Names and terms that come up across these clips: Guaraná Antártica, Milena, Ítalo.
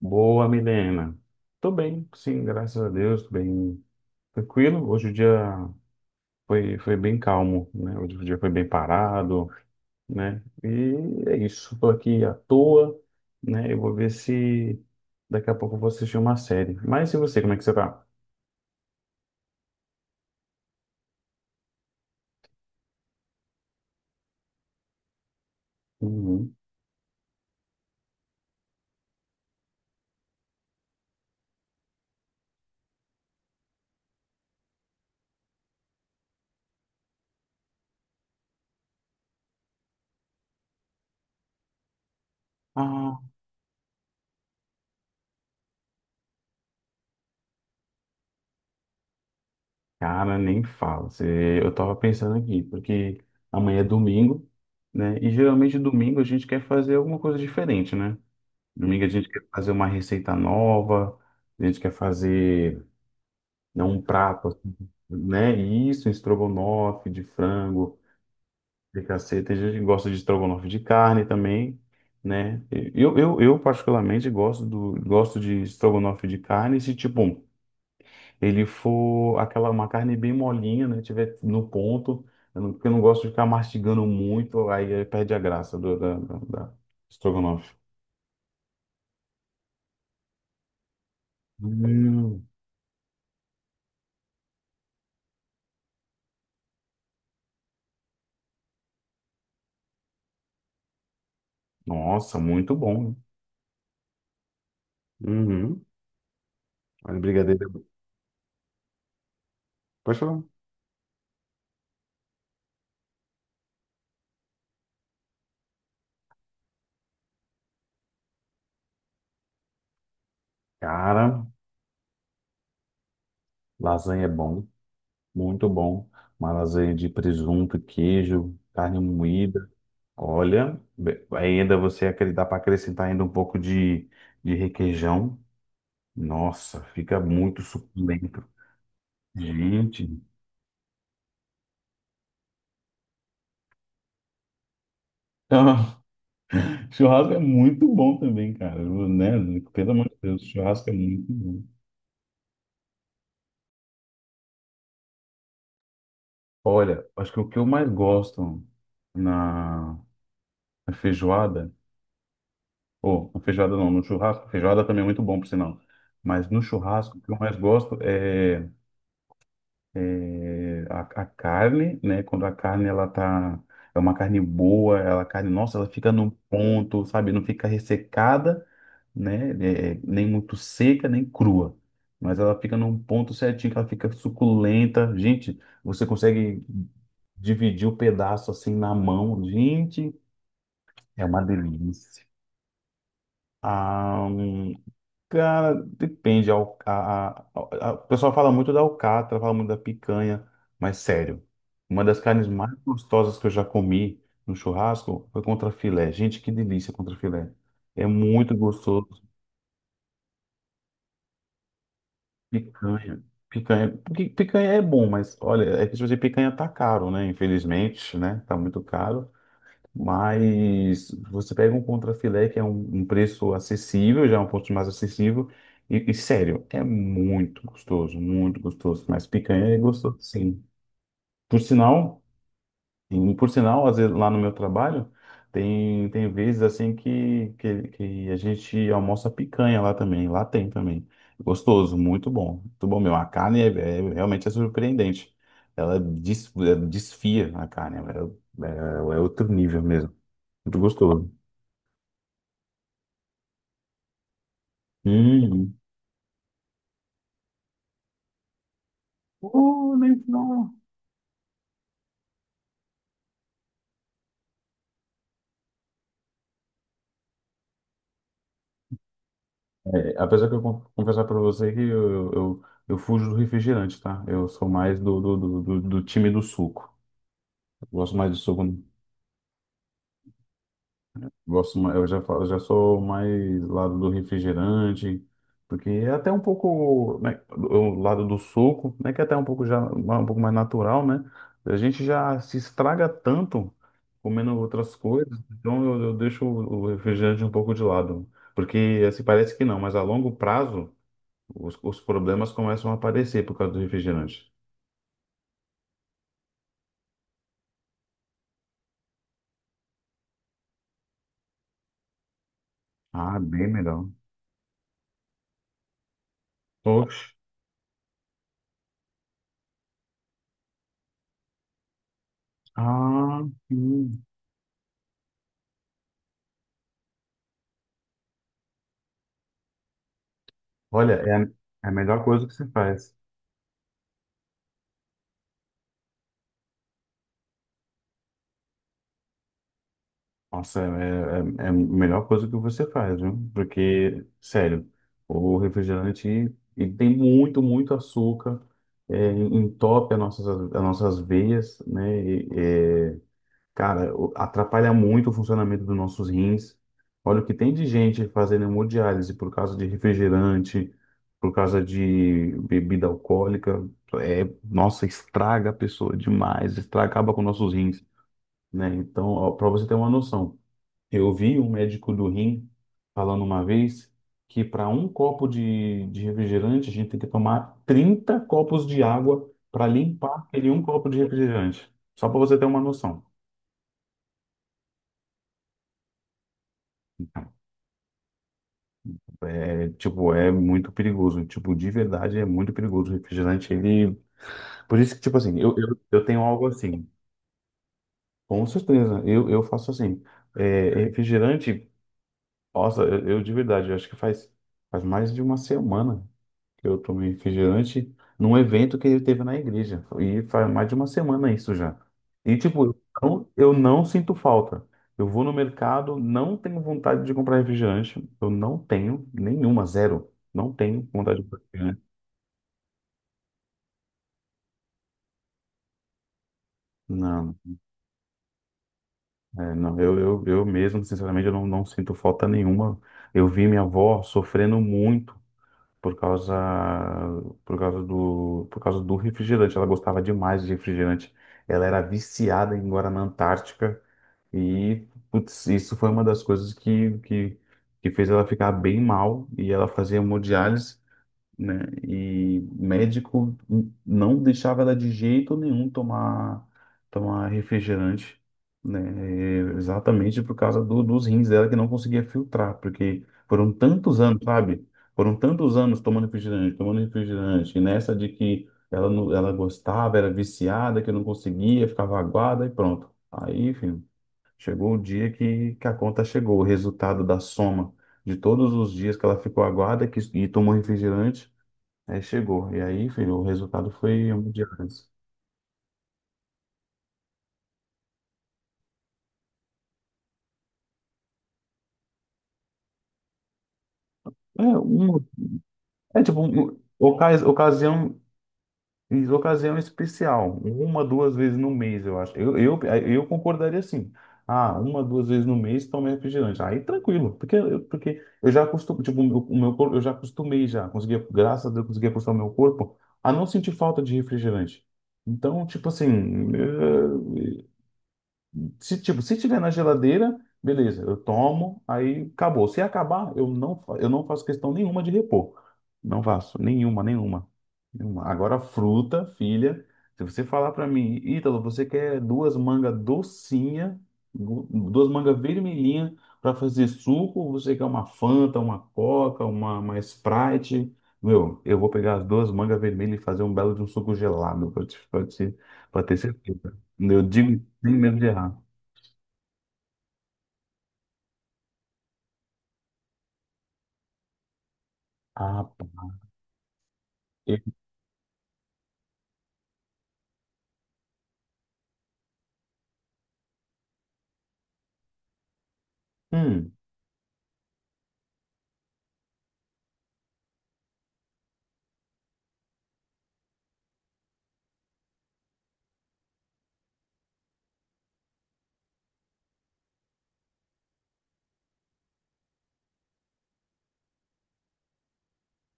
Boa, Milena. Tô bem, sim, graças a Deus, tô bem tranquilo. Hoje o dia foi bem calmo, né? Hoje o dia foi bem parado, né? E é isso, tô aqui à toa, né? Eu vou ver se daqui a pouco eu vou assistir uma série. Mas e você, como é que você tá? Uhum. Ah, cara, nem fala. Eu tava pensando aqui, porque amanhã é domingo, né? E geralmente domingo a gente quer fazer alguma coisa diferente, né? Domingo a gente quer fazer uma receita nova, a gente quer fazer né, um prato, assim, né? E isso, um estrogonofe de frango, de caceta. Tem gente que gosta de estrogonofe de carne também, né? Eu particularmente gosto de estrogonofe de carne se, tipo, ele for aquela, uma carne bem molinha, né? Tiver no ponto, eu não- porque eu não gosto de ficar mastigando muito, aí perde a graça da estrogonofe. Hum, nossa, muito bom. Uhum. Olha, brigadeiro é bom. Pode falar. Cara, lasanha é bom, muito bom. Uma lasanha de presunto, queijo, carne moída. Olha, ainda você dá para acrescentar ainda um pouco de requeijão. Nossa, fica muito suculento. Gente, churrasco é muito bom também, cara, né? Pelo amor de Deus, churrasco é muito bom. Olha, acho que o que eu mais gosto na na feijoada, ou na feijoada não, no churrasco. Feijoada também é muito bom, por sinal. Mas no churrasco, o que eu mais gosto é a carne, né? Quando a carne, ela tá. É uma carne boa, ela, a carne, nossa, ela fica no ponto, sabe? Não fica ressecada, né? Nem muito seca, nem crua. Mas ela fica num ponto certinho, que ela fica suculenta. Gente, você consegue dividir o pedaço assim na mão. Gente, é uma delícia. Ah, cara, depende. A, Al- A, a- o pessoal fala muito da alcatra, fala muito da picanha, mas sério, uma das carnes mais gostosas que eu já comi no churrasco foi contrafilé. Gente, que delícia contrafilé. É muito gostoso. Picanha. Picanha, porque picanha é bom, mas olha, é que se você picanha tá caro, né? Infelizmente, né? Tá muito caro. Mas você pega um contrafilé que é um preço acessível, já é um ponto mais acessível, e sério, é muito gostoso, muito gostoso. Mas picanha é gostoso, sim. Por sinal, e por sinal, às vezes lá no meu trabalho, tem vezes assim que a gente almoça picanha lá também, lá tem também. Gostoso, muito bom mesmo. A carne realmente é surpreendente. Ela desfia a carne, é é outro nível mesmo. Muito gostoso. Hum. Oh, nem não. É, apesar que eu confessar para você que eu fujo do refrigerante, tá? Eu sou mais do time do suco. Eu gosto mais do suco. Gosto, eu já sou mais lado do refrigerante, porque é até um pouco, né, o lado do suco, né, que é até um pouco já um pouco mais natural, né? A gente já se estraga tanto comendo outras coisas, então eu deixo o refrigerante um pouco de lado, porque assim parece que não, mas a longo prazo os problemas começam a aparecer por causa do refrigerante. Ah, bem melhor. Oxe. Ah, sim. Olha, é a melhor coisa que se faz. Nossa, é a melhor coisa que você faz, viu? Porque, sério, o refrigerante ele tem muito, muito açúcar, entope as nossas veias, né? E, é, cara, atrapalha muito o funcionamento dos nossos rins. Olha o que tem de gente fazendo hemodiálise por causa de refrigerante, por causa de bebida alcoólica. É, nossa, estraga a pessoa demais, estraga, acaba com nossos rins, né? Então, para você ter uma noção. Eu vi um médico do rim falando uma vez que para um copo de refrigerante a gente tem que tomar 30 copos de água para limpar aquele um copo de refrigerante. Só para você ter uma noção. É, tipo, é muito perigoso. Tipo, de verdade é muito perigoso. O refrigerante, ele. Por isso que, tipo assim, eu tenho algo assim. Com certeza. Eu faço assim. É, refrigerante, nossa, eu de verdade, eu acho que faz mais de uma semana que eu tomei refrigerante num evento que ele teve na igreja. E faz mais de uma semana isso já. E, tipo, eu não sinto falta. Eu vou no mercado, não tenho vontade de comprar refrigerante. Eu não tenho nenhuma, zero. Não tenho vontade de comprar refrigerante. Não, é, não. Eu mesmo, sinceramente, eu não, não sinto falta nenhuma. Eu vi minha avó sofrendo muito por causa, por causa do refrigerante. Ela gostava demais de refrigerante. Ela era viciada em Guaraná Antártica e, putz, isso foi uma das coisas que fez ela ficar bem mal e ela fazia hemodiálise né? E médico não deixava ela de jeito nenhum tomar refrigerante, né? É, exatamente por causa dos rins dela que não conseguia filtrar, porque foram tantos anos, sabe? Foram tantos anos tomando refrigerante, e nessa de que ela não- ela gostava, era viciada, que não conseguia, ficava aguada e pronto. Aí, enfim, chegou o dia que a conta chegou, o resultado da soma de todos os dias que ela ficou aguada e tomou refrigerante. Aí chegou. E aí, filho, o resultado foi um dia. É, uma, é tipo, um, ocas, ocasião, ocasião especial. Uma, duas vezes no mês, eu acho. Eu concordaria assim. Ah, uma, duas vezes no mês toma refrigerante. Aí tranquilo, porque eu já acostumei, tipo, o meu corpo, eu já acostumei já. Consegui, graças a Deus, consegui acostumar meu corpo a não sentir falta de refrigerante. Então, tipo assim, eh, se, tipo, se tiver na geladeira, beleza, eu tomo, aí acabou. Se acabar, eu não faço questão nenhuma de repor. Não faço, nenhuma, nenhuma, nenhuma. Agora, fruta, filha, se você falar pra mim, Ítalo, você quer duas mangas docinha, du- duas mangas vermelhinha pra fazer suco, ou você quer uma Fanta, uma Coca, uma Sprite? Meu, eu vou pegar as duas mangas vermelhas e fazer um belo de um suco gelado, pra ter certeza. Eu digo sem medo de errar. Ah, pá. Eu- Hum.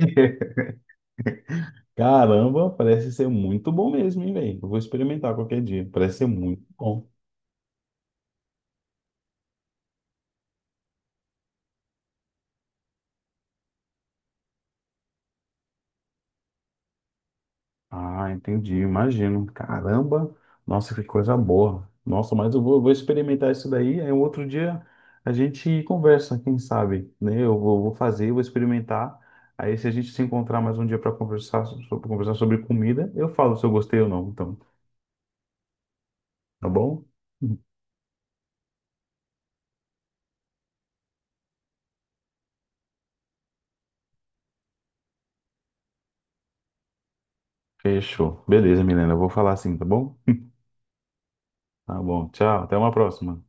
Caramba, parece ser muito bom mesmo, hein, velho? Eu vou experimentar qualquer dia. Parece ser muito bom. Ah, entendi, imagino. Caramba, nossa, que coisa boa. Nossa, mas eu vou experimentar isso daí. Aí um outro dia a gente conversa, quem sabe, né? Eu vou experimentar. Aí se a gente se encontrar mais um dia para conversar, pra conversar sobre comida, eu falo se eu gostei ou não, então, tá bom? Fechou. Beleza, Milena, eu vou falar assim, tá bom? Tá bom, tchau, até uma próxima.